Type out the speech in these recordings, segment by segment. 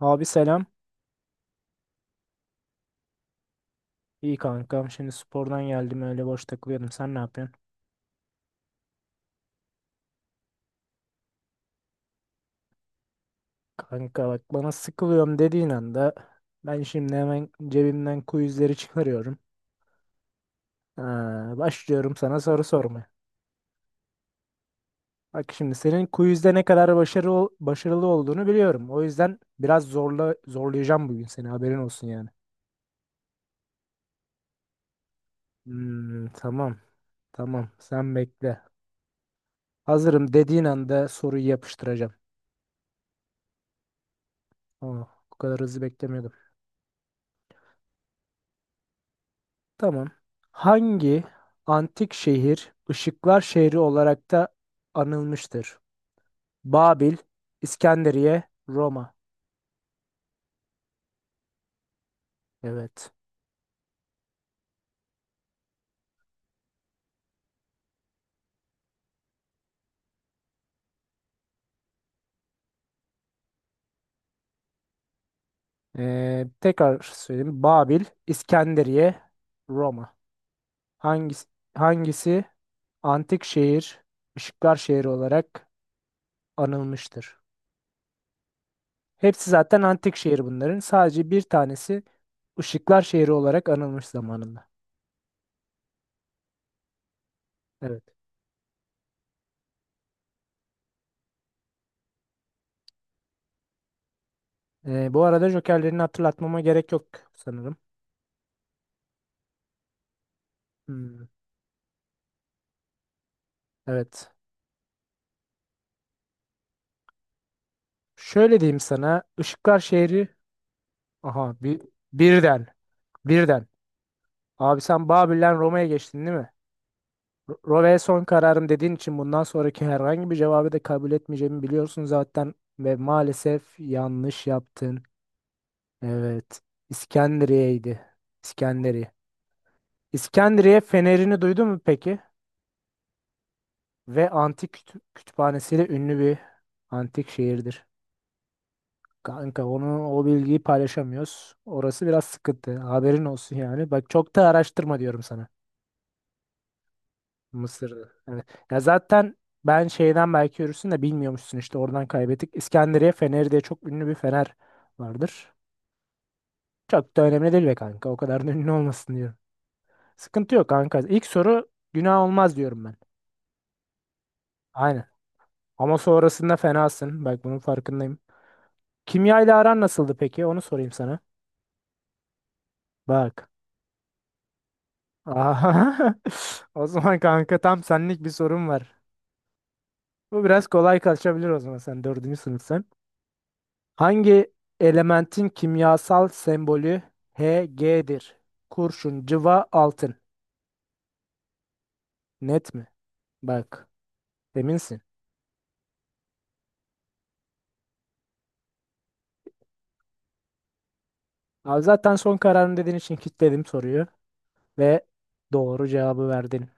Abi selam. İyi kankam. Şimdi spordan geldim, öyle boş takılıyordum. Sen ne yapıyorsun? Kanka bak, bana sıkılıyorum dediğin anda ben şimdi hemen cebimden quizleri çıkarıyorum. Ha, başlıyorum sana soru sormaya. Bak şimdi senin quizde ne kadar başarılı olduğunu biliyorum. O yüzden biraz zorla zorlayacağım bugün seni, haberin olsun yani. Hmm, tamam, tamam, sen bekle. Hazırım dediğin anda soruyu yapıştıracağım. Aa, bu kadar hızlı beklemiyordum. Tamam. Hangi antik şehir ışıklar şehri olarak da anılmıştır? Babil, İskenderiye, Roma. Evet. Tekrar söyleyeyim. Babil, İskenderiye, Roma. Hangisi, hangisi antik şehir, ışıklar şehri olarak anılmıştır? Hepsi zaten antik şehir bunların. Sadece bir tanesi ışıklar şehri olarak anılmış zamanında. Evet. Bu arada jokerlerini hatırlatmama gerek yok sanırım. Hmm. Evet. Şöyle diyeyim sana. Işıklar şehri. Aha, birden. Birden. Abi sen Babil'den Roma'ya geçtin, değil mi? Roma'ya son kararım dediğin için bundan sonraki herhangi bir cevabı da kabul etmeyeceğimi biliyorsun zaten. Ve maalesef yanlış yaptın. Evet. İskenderiye'ydi. İskenderiye. İskenderiye fenerini duydun mu peki? Ve antik kütüphanesiyle ünlü bir antik şehirdir. Kanka o bilgiyi paylaşamıyoruz. Orası biraz sıkıntı. Haberin olsun yani. Bak, çok da araştırma diyorum sana. Mısır'da. Evet. Ya zaten ben şeyden belki yürürsün de bilmiyormuşsun, işte oradan kaybettik. İskenderiye Feneri diye çok ünlü bir fener vardır. Çok da önemli değil be kanka. O kadar da ünlü olmasın diyorum. Sıkıntı yok kanka. İlk soru günah olmaz diyorum ben. Aynen. Ama sonrasında fenasın. Bak, bunun farkındayım. Kimya ile aran nasıldı peki? Onu sorayım sana. Bak. Aha. O zaman kanka tam senlik bir sorum var. Bu biraz kolay kaçabilir, o zaman, sen dördüncü sınıfsın. Hangi elementin kimyasal sembolü Hg'dir? Kurşun, cıva, altın. Net mi? Bak, eminsin. Abi zaten son kararın dediğin için kilitledim soruyu ve doğru cevabı verdin.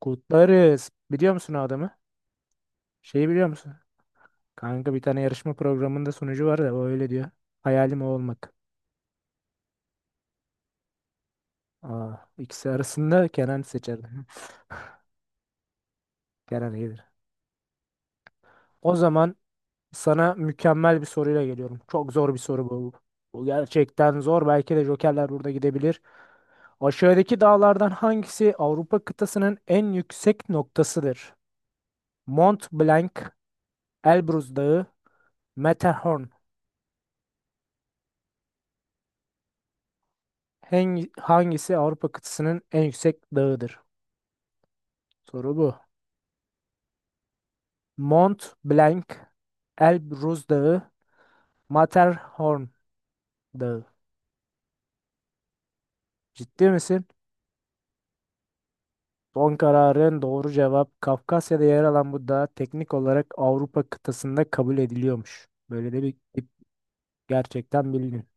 Kutlarız. Biliyor musun o adamı? Şeyi biliyor musun? Kanka bir tane yarışma programında sunucu var da o öyle diyor. Hayalim o olmak. Aa, ikisi arasında Kenan seçerdim. Kenan iyidir. O zaman sana mükemmel bir soruyla geliyorum. Çok zor bir soru bu. Bu gerçekten zor. Belki de jokerler burada gidebilir. Aşağıdaki dağlardan hangisi Avrupa kıtasının en yüksek noktasıdır? Mont Blanc, Elbrus Dağı, Matterhorn. Hangisi Avrupa kıtasının en yüksek dağıdır? Soru bu. Mont Blanc, Elbrus Dağı, Matterhorn Dağı. Ciddi misin? Son kararın doğru cevap. Kafkasya'da yer alan bu dağ teknik olarak Avrupa kıtasında kabul ediliyormuş. Böyle de bir tip, gerçekten bildin.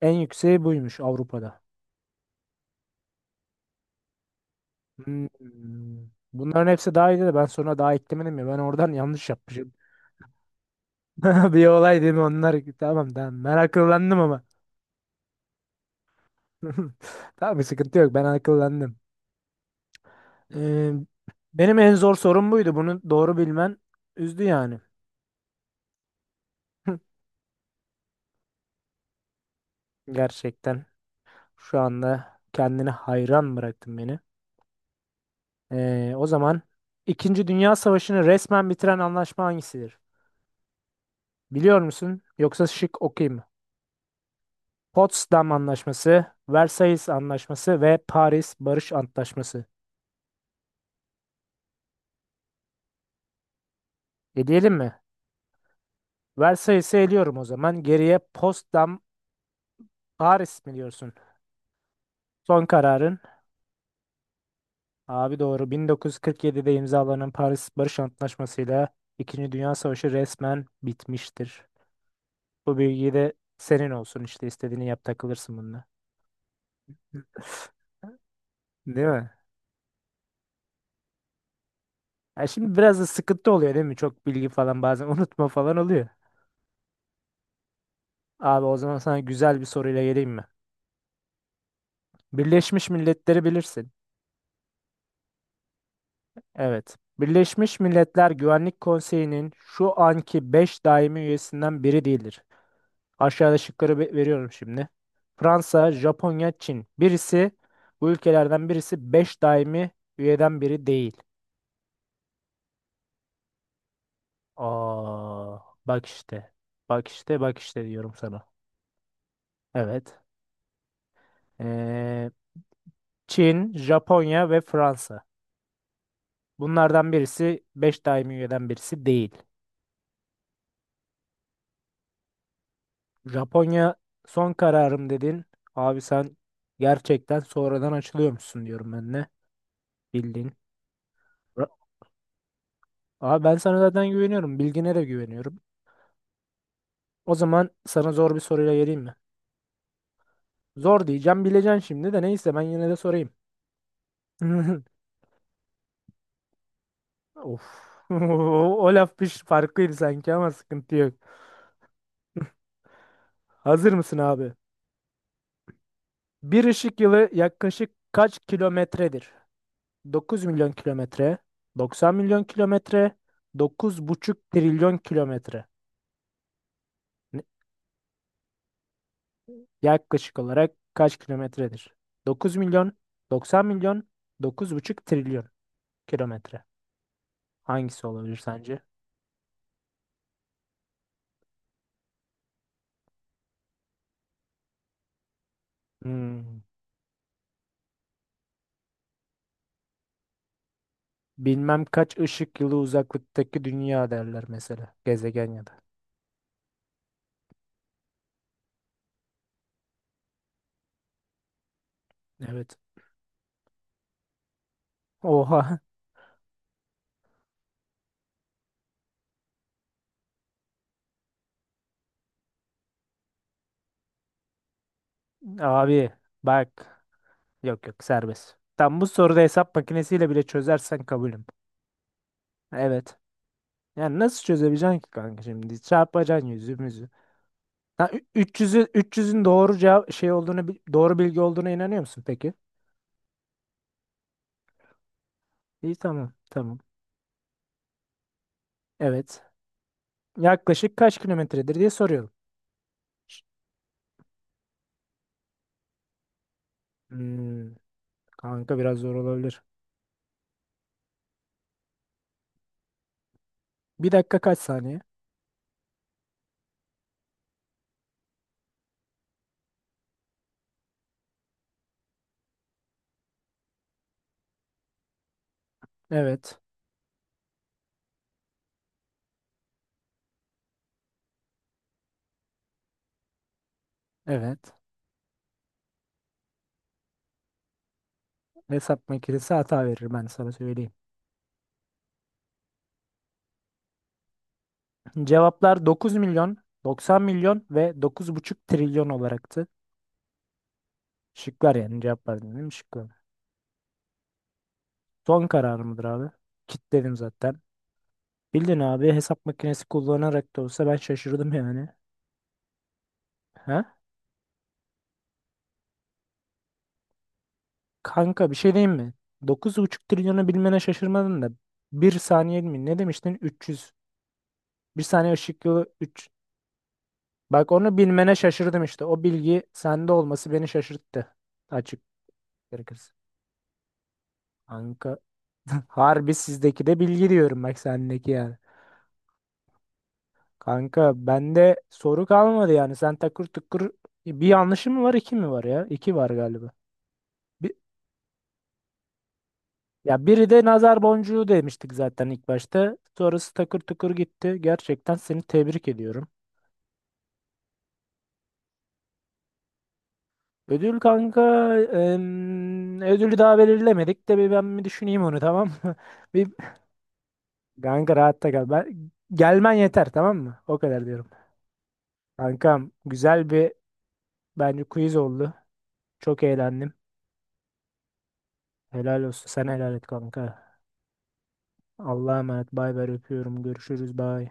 En yükseği buymuş Avrupa'da. Hmm. Bunların hepsi daha iyiydi de ben sonra daha eklemedim ya, ben oradan yanlış yapmışım. Bir olay değil mi onlar? Tamam, tamam, ben akıllandım ama. Tamam, bir sıkıntı yok, ben akıllandım. Ee, Benim en zor sorum buydu, bunu doğru bilmen üzdü yani gerçekten. Şu anda kendine hayran bıraktın beni. O zaman, İkinci Dünya Savaşı'nı resmen bitiren anlaşma hangisidir? Biliyor musun? Yoksa şık okuyayım mı? Potsdam Anlaşması, Versailles Anlaşması ve Paris Barış Antlaşması. Eleyelim mi? Versailles'i eliyorum o zaman. Geriye Potsdam, Paris mi diyorsun? Son kararın. Abi doğru. 1947'de imzalanan Paris Barış Antlaşması ile İkinci Dünya Savaşı resmen bitmiştir. Bu bilgi de senin olsun, işte istediğini yap, takılırsın bununla. Değil mi? Ya şimdi biraz da sıkıntı oluyor değil mi? Çok bilgi falan, bazen unutma falan oluyor. Abi o zaman sana güzel bir soruyla geleyim mi? Birleşmiş Milletleri bilirsin. Evet. Birleşmiş Milletler Güvenlik Konseyi'nin şu anki 5 daimi üyesinden biri değildir. Aşağıda şıkları veriyorum şimdi. Fransa, Japonya, Çin. Bu ülkelerden birisi 5 daimi üyeden biri değil. Aa, bak işte. Bak işte, bak işte diyorum sana. Evet. Ee, Çin, Japonya ve Fransa. Bunlardan birisi 5 daimi üyeden birisi değil. Japonya son kararım dedin. Abi sen gerçekten sonradan açılıyormuşsun diyorum ben de. Bildiğin. Ra- Abi ben sana zaten güveniyorum. Bilgine de güveniyorum. O zaman sana zor bir soruyla geleyim mi? Zor diyeceğim, bileceksin şimdi de, neyse ben yine de sorayım. Of. O laf farklıydı sanki, ama sıkıntı yok. Hazır mısın abi? Bir ışık yılı yaklaşık kaç kilometredir? 9 milyon kilometre, 90 milyon kilometre, dokuz buçuk trilyon kilometre. Ne- Yaklaşık olarak kaç kilometredir? 9 milyon, 90 milyon, dokuz buçuk trilyon kilometre. Hangisi olabilir sence? Hmm. Bilmem kaç ışık yılı uzaklıktaki dünya derler mesela. Gezegen ya da. Evet. Oha. Abi bak, yok yok, serbest. Tam bu soruda hesap makinesiyle bile çözersen kabulüm. Evet. Yani nasıl çözebileceksin ki kanka şimdi? Çarpacaksın yüzümüzü. Ha, 300'ün doğru cevap şey olduğunu doğru bilgi olduğuna inanıyor musun peki? İyi, tamam, tamam. Evet. Yaklaşık kaç kilometredir diye soruyorum. Hmm, kanka biraz zor olabilir. Bir dakika kaç saniye? Evet. Evet. Hesap makinesi hata verir, ben sana söyleyeyim. Cevaplar 9 milyon, 90 milyon ve dokuz buçuk trilyon olaraktı. Şıklar yani, cevaplar dedim, şıklar. Son karar mıdır abi? Kitledim zaten. Bildin abi, hesap makinesi kullanarak da olsa ben şaşırdım yani. Ha? Kanka bir şey diyeyim mi? Dokuz buçuk trilyonu bilmene şaşırmadın da. Bir saniye mi? Ne demiştin? 300. Bir saniye ışık yılı 3. Bak, onu bilmene şaşırdım işte. O bilgi sende olması beni şaşırttı. Açık gerekirse. Kanka, harbi sizdeki de bilgi diyorum bak, sendeki yani. Kanka bende soru kalmadı yani. Sen takır tukur. Bir yanlışım mı var, iki mi var ya? İki var galiba. Bir, ya biri de nazar boncuğu demiştik zaten ilk başta. Sonrası takır tukur gitti. Gerçekten seni tebrik ediyorum. Ödül kanka, ödülü daha belirlemedik de bir ben bir düşüneyim onu, tamam mı? Bir kanka, rahatta kal. Gelmen yeter, tamam mı? O kadar diyorum. Kankam, güzel bir bence quiz oldu. Çok eğlendim. Helal olsun. Sen helal et kanka. Allah'a emanet. Bay bay, öpüyorum. Görüşürüz. Bay.